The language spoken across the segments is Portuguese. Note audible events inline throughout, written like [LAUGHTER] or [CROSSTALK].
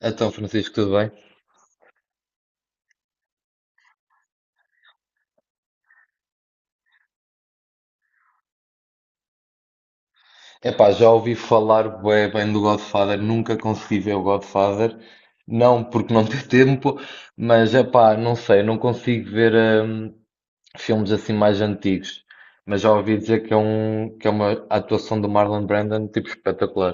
Então, Francisco, tudo bem? Epá, já ouvi falar bué bem do Godfather, nunca consegui ver o Godfather. Não porque não [LAUGHS] tenho tempo, mas epá, não sei, não consigo ver hum, filmes assim mais antigos. Mas já ouvi dizer que é uma atuação do Marlon Brando tipo espetacular.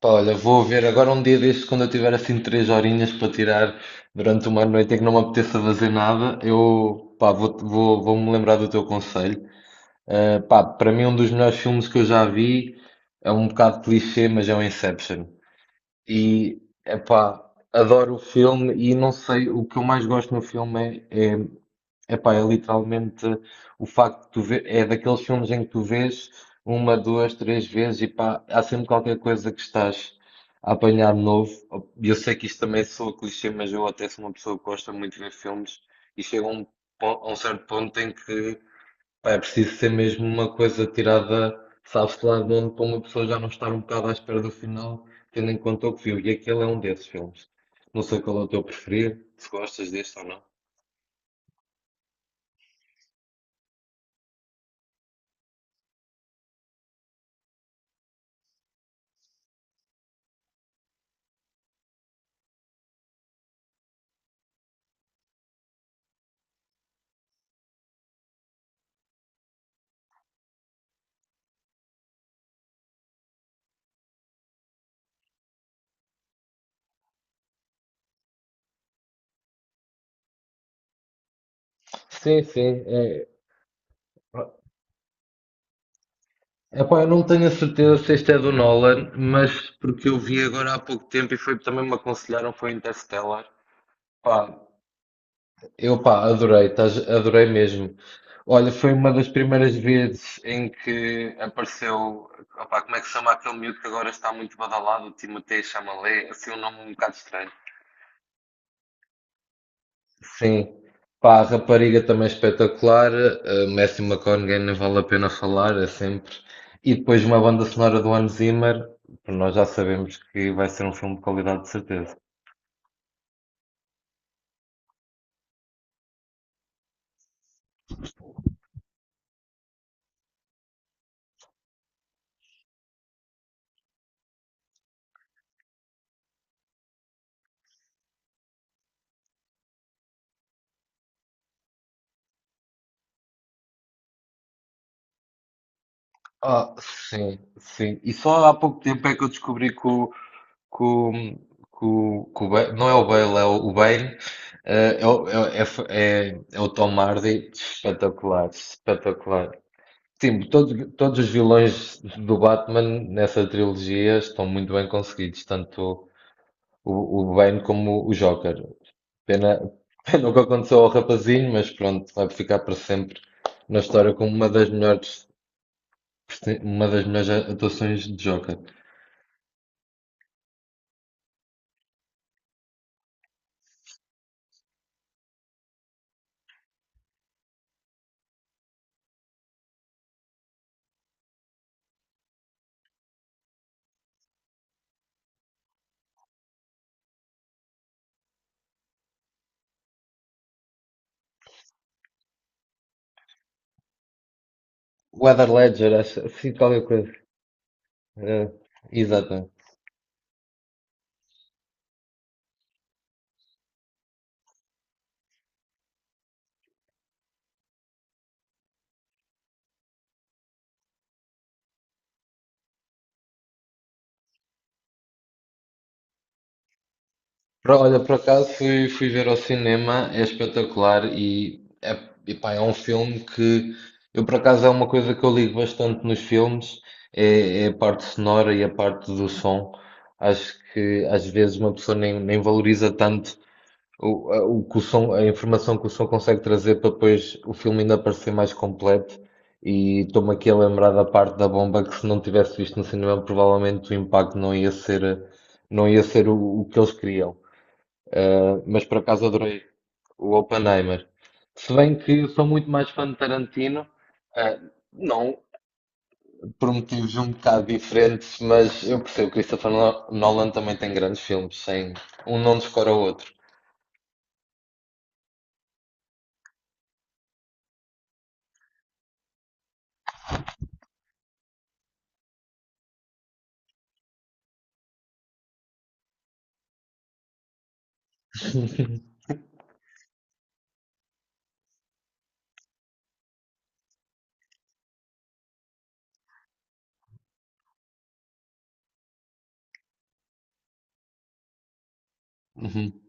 Pá, olha, vou ver agora um dia destes quando eu tiver assim três horinhas para tirar durante uma noite em que não me apeteça fazer nada, eu pá, vou-me lembrar do teu conselho. Pá, para mim, um dos melhores filmes que eu já vi é um bocado clichê, mas é o Inception. E, epá, adoro o filme e não sei, o que eu mais gosto no filme é literalmente o facto de tu ver, é daqueles filmes em que tu vês uma, duas, três vezes e pá, há sempre qualquer coisa que estás a apanhar de novo. E eu sei que isto também soa clichê, mas eu até sou uma pessoa que gosta muito de ver filmes e chega a um certo ponto em que pá, é preciso ser mesmo uma coisa tirada, sabe-se lá de onde, para uma pessoa já não estar um bocado à espera do final, tendo em conta o que viu. E aquele é um desses filmes. Não sei qual é o teu preferido, se gostas deste ou não. Sim, sim. Epá, eu não tenho a certeza se este é do Nolan, mas porque eu vi agora há pouco tempo e foi também me aconselharam, foi Interstellar. Pá, eu, pá, adorei mesmo. Olha, foi uma das primeiras vezes em que apareceu, opá, como é que se chama aquele miúdo que agora está muito badalado, o Timothée Chalamet, assim um nome um bocado estranho. Sim, pá, a rapariga também espetacular, Matthew McConaughey nem vale a pena falar, é sempre. E depois uma banda sonora do Hans Zimmer, que nós já sabemos que vai ser um filme de qualidade de certeza. Ah, sim, sim. E só há pouco tempo é que eu descobri que o com, com o Bale, não é o Bale, é o Bane, eh, é, o- é, o- é, f- é, é o Tom Hardy, espetacular, espetacular. Sim, todos, todos os vilões do Batman nessa trilogia estão muito bem conseguidos, tanto o Bane como o Joker. Pena, [LAUGHS] pena o que aconteceu ao rapazinho, mas pronto, vai ficar para sempre na história como uma das melhores, uma das melhores atuações de Joker. O Heath Ledger, acho, sim, qualquer coisa. Eh, Exatamente. Olha, por acaso fui ver ao cinema, é espetacular e é, epá, é um filme que eu por acaso é uma coisa que eu ligo bastante nos filmes, é a parte sonora e a parte do som. Acho que às vezes uma pessoa nem valoriza tanto o que o som, a informação que o som consegue trazer para depois o filme ainda parecer mais completo. E estou-me aqui a lembrar da parte da bomba que se não tivesse visto no cinema, provavelmente o impacto não ia ser o que eles queriam. Mas por acaso adorei o Oppenheimer. Se bem que sou muito mais fã de Tarantino, não por motivos um bocado diferentes, mas eu percebo que Christopher Nolan também tem grandes filmes, sem um não descora o outro. [LAUGHS] Uhum.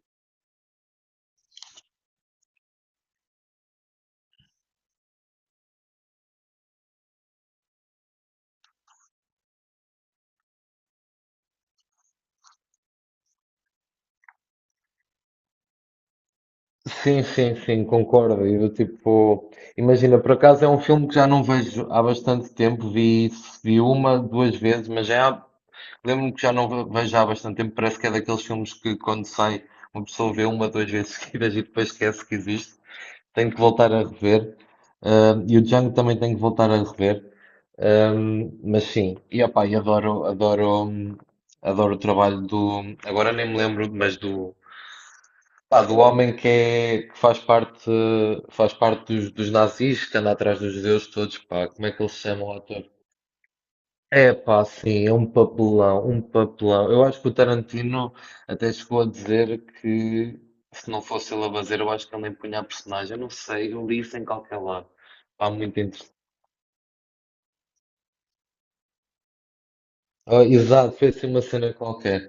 Sim, sim, sim, concordo. E do tipo, imagina, por acaso é um filme que já não vejo há bastante tempo, vi uma, duas vezes, mas já lembro-me que já não vejo há bastante tempo, parece que é daqueles filmes que quando sai uma pessoa vê uma, duas vezes [LAUGHS] seguidas e depois esquece que existe. Tenho que voltar a rever. Ah, e o Django também tenho que voltar a rever. Mas sim, e opá, e adoro o trabalho do, agora nem me lembro, mas do, pá, do homem que faz parte, faz parte dos nazis, que anda atrás dos judeus todos, pá, como é que eles se chamam? É pá, sim, é um papelão, um papelão. Eu acho que o Tarantino até chegou a dizer que se não fosse ele a fazer, eu acho que ele empunha a personagem. Eu não sei, eu li isso em qualquer lado. Pá, muito interessante. Ah, exato, foi assim uma cena qualquer.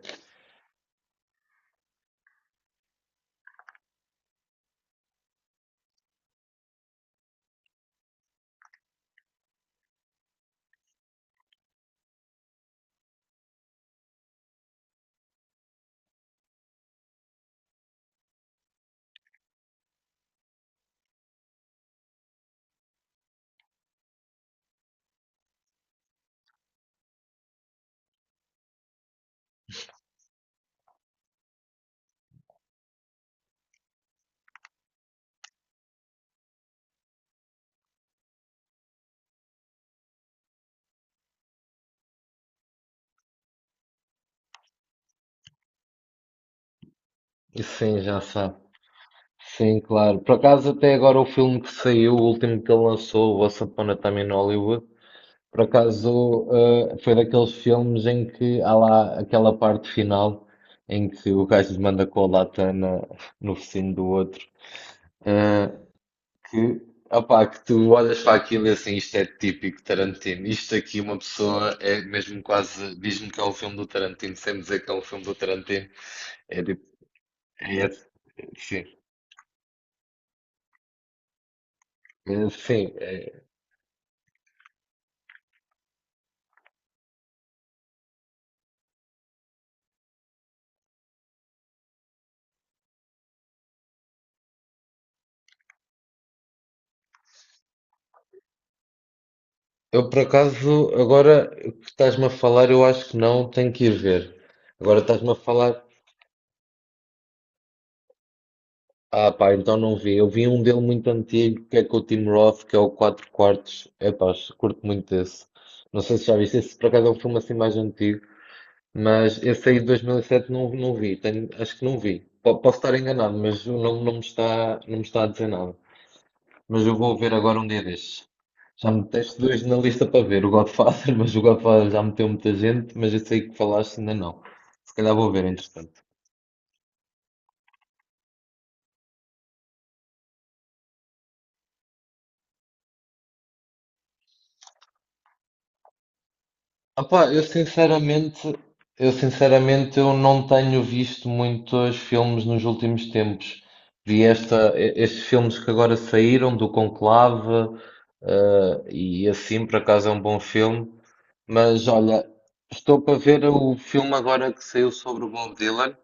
E sim, já sabe. Sim, claro. Por acaso, até agora o filme que saiu, o último que ele lançou, o Once Upon a Time in Hollywood, por acaso, foi daqueles filmes em que há lá aquela parte final em que o gajo manda com a lata no focinho do outro, eh, que, opá, que tu olhas para aquilo e assim, isto é típico Tarantino. Isto aqui, uma pessoa é mesmo quase, diz-me que é um filme do Tarantino, sem me dizer que é um filme do Tarantino. É tipo, é, esse- sim, é. Eu, por acaso, agora que estás-me a falar, eu acho que não, tenho que ir ver. Agora estás-me a falar. Ah, pá, então não vi. Eu vi um dele muito antigo, que é com o Tim Roth, que é o Quatro Quartos. É pá, curto muito esse. Não sei se já viste. Esse por acaso é um filme assim mais antigo, mas esse aí de 2007 não, não vi. Acho que não vi. Posso estar enganado, mas o nome não me está a dizer nada. Mas eu vou ver agora um dia destes. Já meteste dois na lista para ver, o Godfather, [LAUGHS] mas o Godfather já meteu muita gente, mas esse aí que falaste ainda não. Se calhar vou ver, entretanto. Opá, eu sinceramente, eu sinceramente eu não tenho visto muitos filmes nos últimos tempos. Vi estes filmes que agora saíram do Conclave, e assim por acaso é um bom filme. Mas olha, estou para ver o filme agora que saiu sobre o Bob Dylan.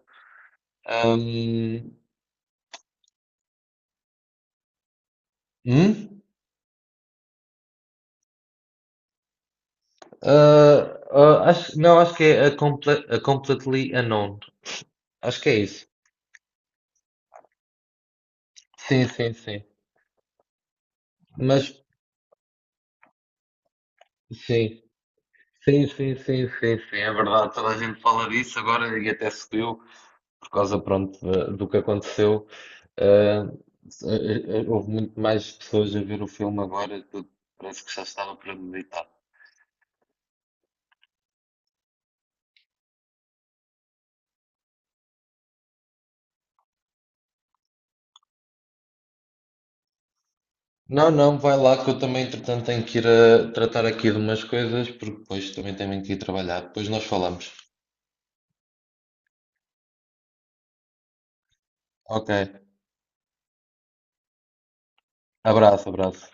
Ahm, hum? Ah, ah, acho, não, acho que é a Completely Unknown. Acho que é isso. Sim, sim, sim. Mas sim. Sim, sim, sim, sim, sim, é verdade. Toda a gente fala disso agora e até subiu por causa, pronto, do que aconteceu. Ah, houve muito mais pessoas a ver o filme agora, tudo, parece que já estava premeditado. Não, não, vai lá que eu também, entretanto, tenho que ir a tratar aqui de umas coisas, porque depois também tenho que ir trabalhar. Depois nós falamos. Ok, abraço, abraço.